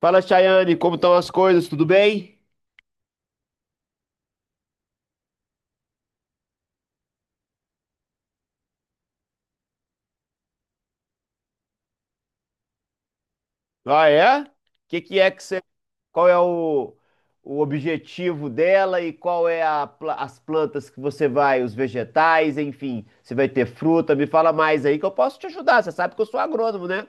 Fala, Chayane, como estão as coisas? Tudo bem? Ah, é? O que que é que você. Qual é o objetivo dela e qual é as plantas que você vai, os vegetais, enfim, você vai ter fruta? Me fala mais aí que eu posso te ajudar. Você sabe que eu sou agrônomo, né?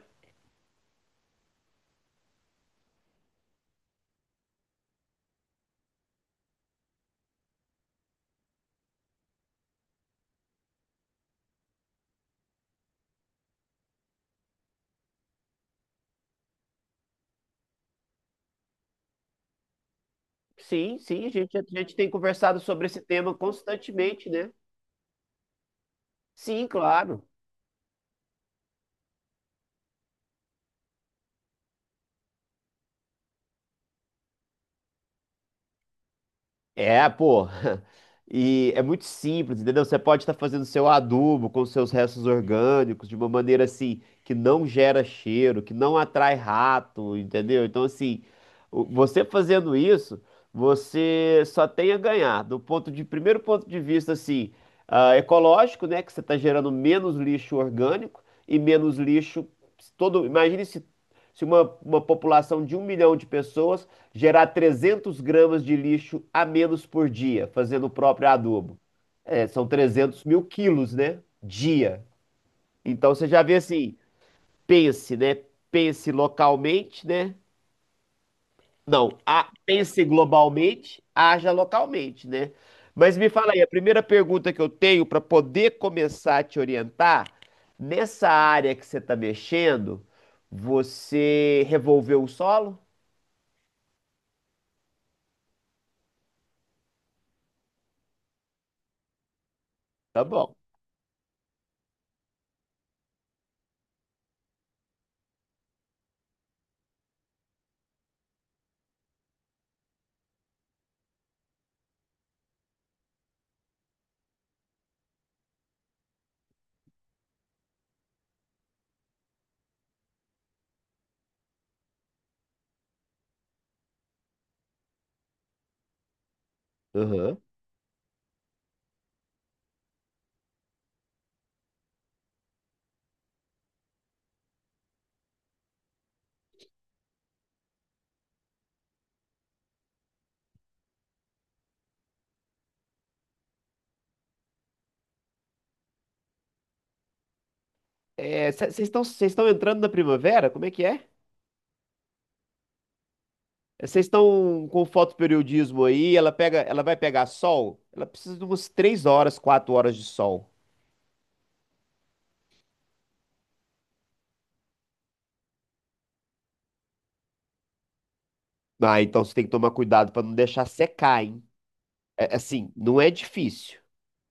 Sim, sim, a gente tem conversado sobre esse tema constantemente, né? Sim, claro. É, pô. E é muito simples, entendeu? Você pode estar fazendo seu adubo com seus restos orgânicos de uma maneira assim que não gera cheiro, que não atrai rato, entendeu? Então, assim, você fazendo isso, você só tem a ganhar. Do ponto de primeiro ponto de vista, assim, ecológico, né? Que você está gerando menos lixo orgânico e menos lixo todo. Imagine se uma população de 1 milhão de pessoas gerar 300 gramas de lixo a menos por dia, fazendo o próprio adubo. É, são 300 mil quilos, né? Dia. Então você já vê assim, pense, né? Pense localmente, né? Não, pense globalmente, haja localmente, né? Mas me fala aí, a primeira pergunta que eu tenho para poder começar a te orientar, nessa área que você está mexendo, você revolveu o solo? Tá bom. Aham. É, vocês estão entrando na primavera? Como é que é? Vocês estão com fotoperiodismo aí? Ela vai pegar sol? Ela precisa de umas 3 horas, 4 horas de sol. Ah, então você tem que tomar cuidado para não deixar secar, hein? É, assim, não é difícil,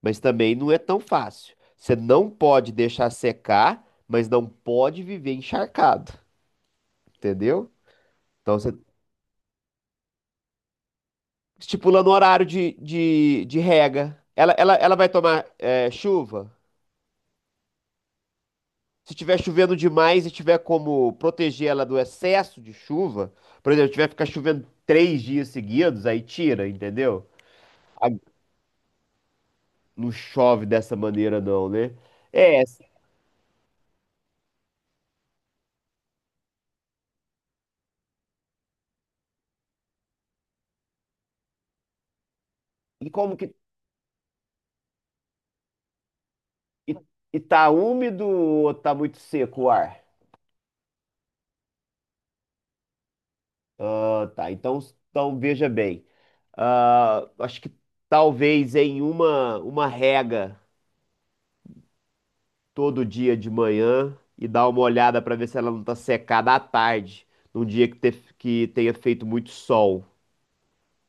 mas também não é tão fácil. Você não pode deixar secar, mas não pode viver encharcado, entendeu? Então você estipulando o horário de rega. Ela vai tomar chuva? Se tiver chovendo demais e tiver como proteger ela do excesso de chuva, por exemplo, tiver que ficar chovendo 3 dias seguidos, aí tira, entendeu? Ah, não chove dessa maneira, não, né? É, e como que. E, e tá úmido ou tá muito seco o ar? Ah, tá. Então veja bem. Ah, acho que talvez em uma rega. Todo dia de manhã e dar uma olhada para ver se ela não tá secada à tarde, num dia que tenha feito muito sol,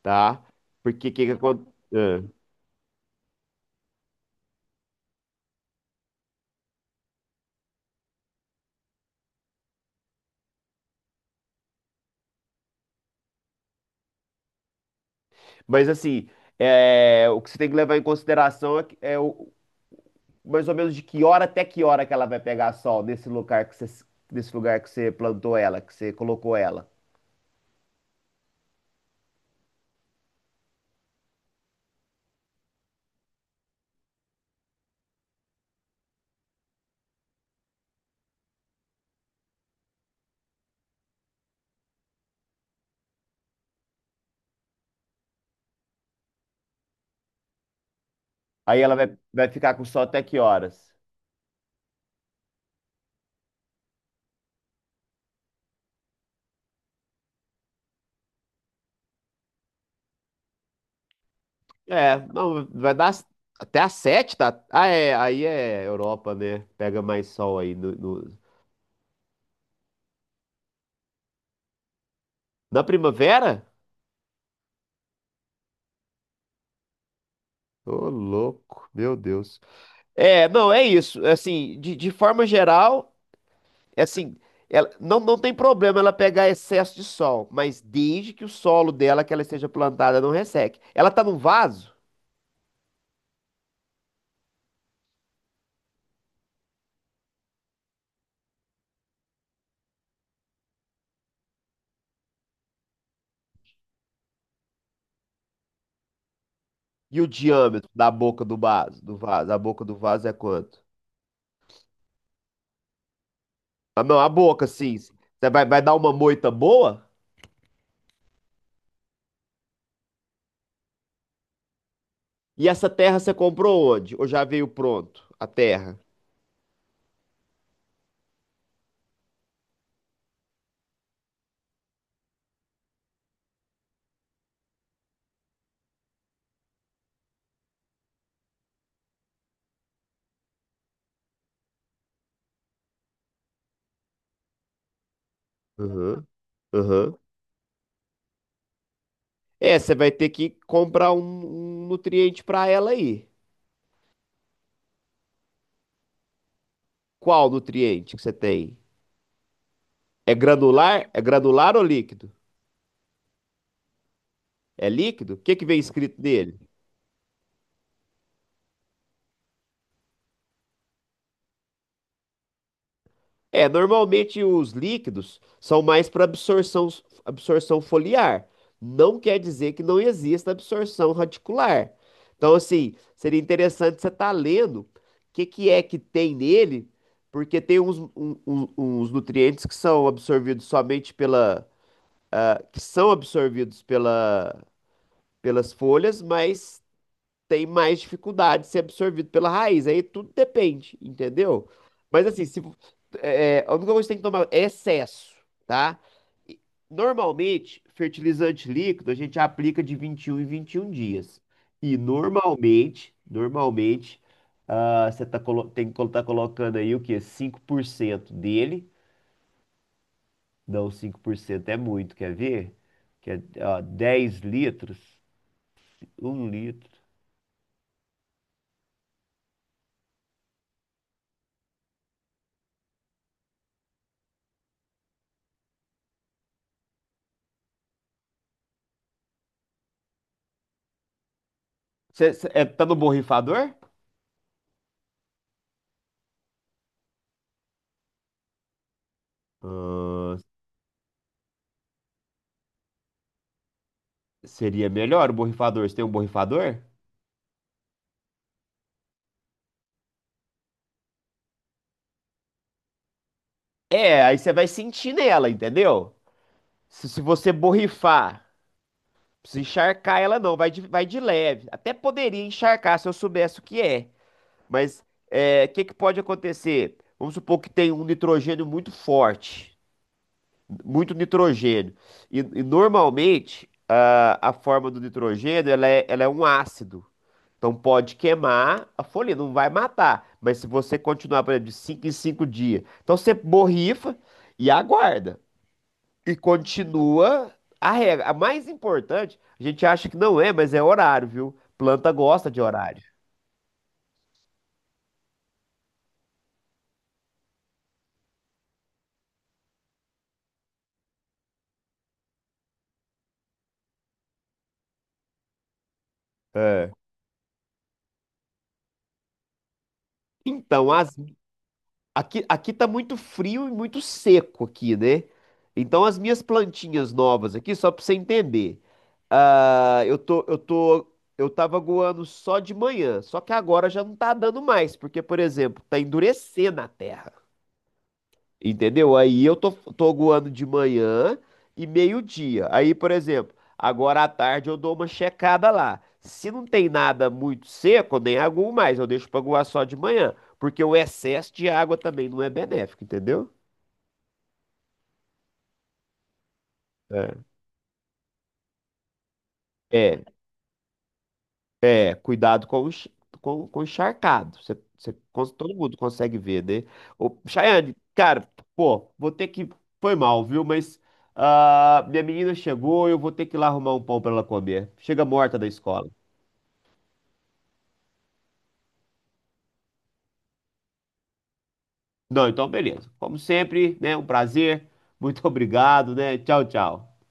tá? Porque que acon- é. Mas assim, o que você tem que levar em consideração é, mais ou menos de que hora até que hora que ela vai pegar sol nesse lugar que você, plantou ela, que você colocou ela. Aí ela vai ficar com sol até que horas? É, não, vai dar até às sete, tá? Ah, é, aí é Europa, né? Pega mais sol aí na primavera? Ô, louco, meu Deus. É, não, é isso. Assim, de forma geral, é assim, ela, não, não tem problema ela pegar excesso de sol, mas desde que o solo dela, que ela esteja plantada, não resseque. Ela tá num vaso? E o diâmetro da boca do vaso, a boca do vaso é quanto? Ah, não, a boca, sim. Você vai dar uma moita boa? E essa terra você comprou onde? Ou já veio pronto a terra? Aham, aham. É, você vai ter que comprar um nutriente para ela aí. Qual nutriente que você tem? É granular? É granular ou líquido? É líquido? O que que vem escrito nele? É, normalmente os líquidos são mais para absorção foliar. Não quer dizer que não exista absorção radicular. Então, assim, seria interessante você estar lendo o que que é que tem nele, porque tem uns nutrientes que são absorvidos pelas folhas, mas tem mais dificuldade de ser absorvido pela raiz. Aí tudo depende, entendeu? Mas assim, se, é, é, a única coisa que você tem que tomar é excesso, tá? E, normalmente, fertilizante líquido a gente aplica de 21 em 21 dias. E normalmente, tem que estar colocando aí o quê? 5% dele. Não, 5% é muito, quer ver? Que é, ó, 10 litros, 1 litro. Tá no borrifador? Ah, seria melhor o borrifador. Você tem um borrifador? É, aí você vai sentir nela, entendeu? Se você borrifar, não precisa encharcar ela não, vai de leve. Até poderia encharcar se eu soubesse o que é. Mas o que, que pode acontecer? Vamos supor que tem um nitrogênio muito forte. Muito nitrogênio. E normalmente, a forma do nitrogênio, ela é um ácido. Então pode queimar a folha, não vai matar. Mas se você continuar, por exemplo, de 5 em 5 dias, então você borrifa e aguarda. E continua a regra. A mais importante, a gente acha que não é, mas é horário, viu? Planta gosta de horário. É. Então, as. Aqui tá muito frio e muito seco aqui, né? Então as minhas plantinhas novas aqui, só pra você entender. ah, eu tô, eu tô, eu tava aguando só de manhã, só que agora já não tá dando mais, porque, por exemplo, tá endurecendo a terra. Entendeu? Aí eu tô goando de manhã e meio-dia. Aí, por exemplo, agora à tarde eu dou uma checada lá. Se não tem nada muito seco, nem aguo mais, eu deixo pra aguar só de manhã. Porque o excesso de água também não é benéfico, entendeu? É. É. É, cuidado com com o encharcado. Todo mundo consegue ver, né? Ô, Chayane, cara, pô, vou ter que. Foi mal, viu? Mas minha menina chegou, eu vou ter que ir lá arrumar um pão pra ela comer. Chega morta da escola. Não, então beleza. Como sempre, né? Um prazer. Muito obrigado, né? Tchau, tchau.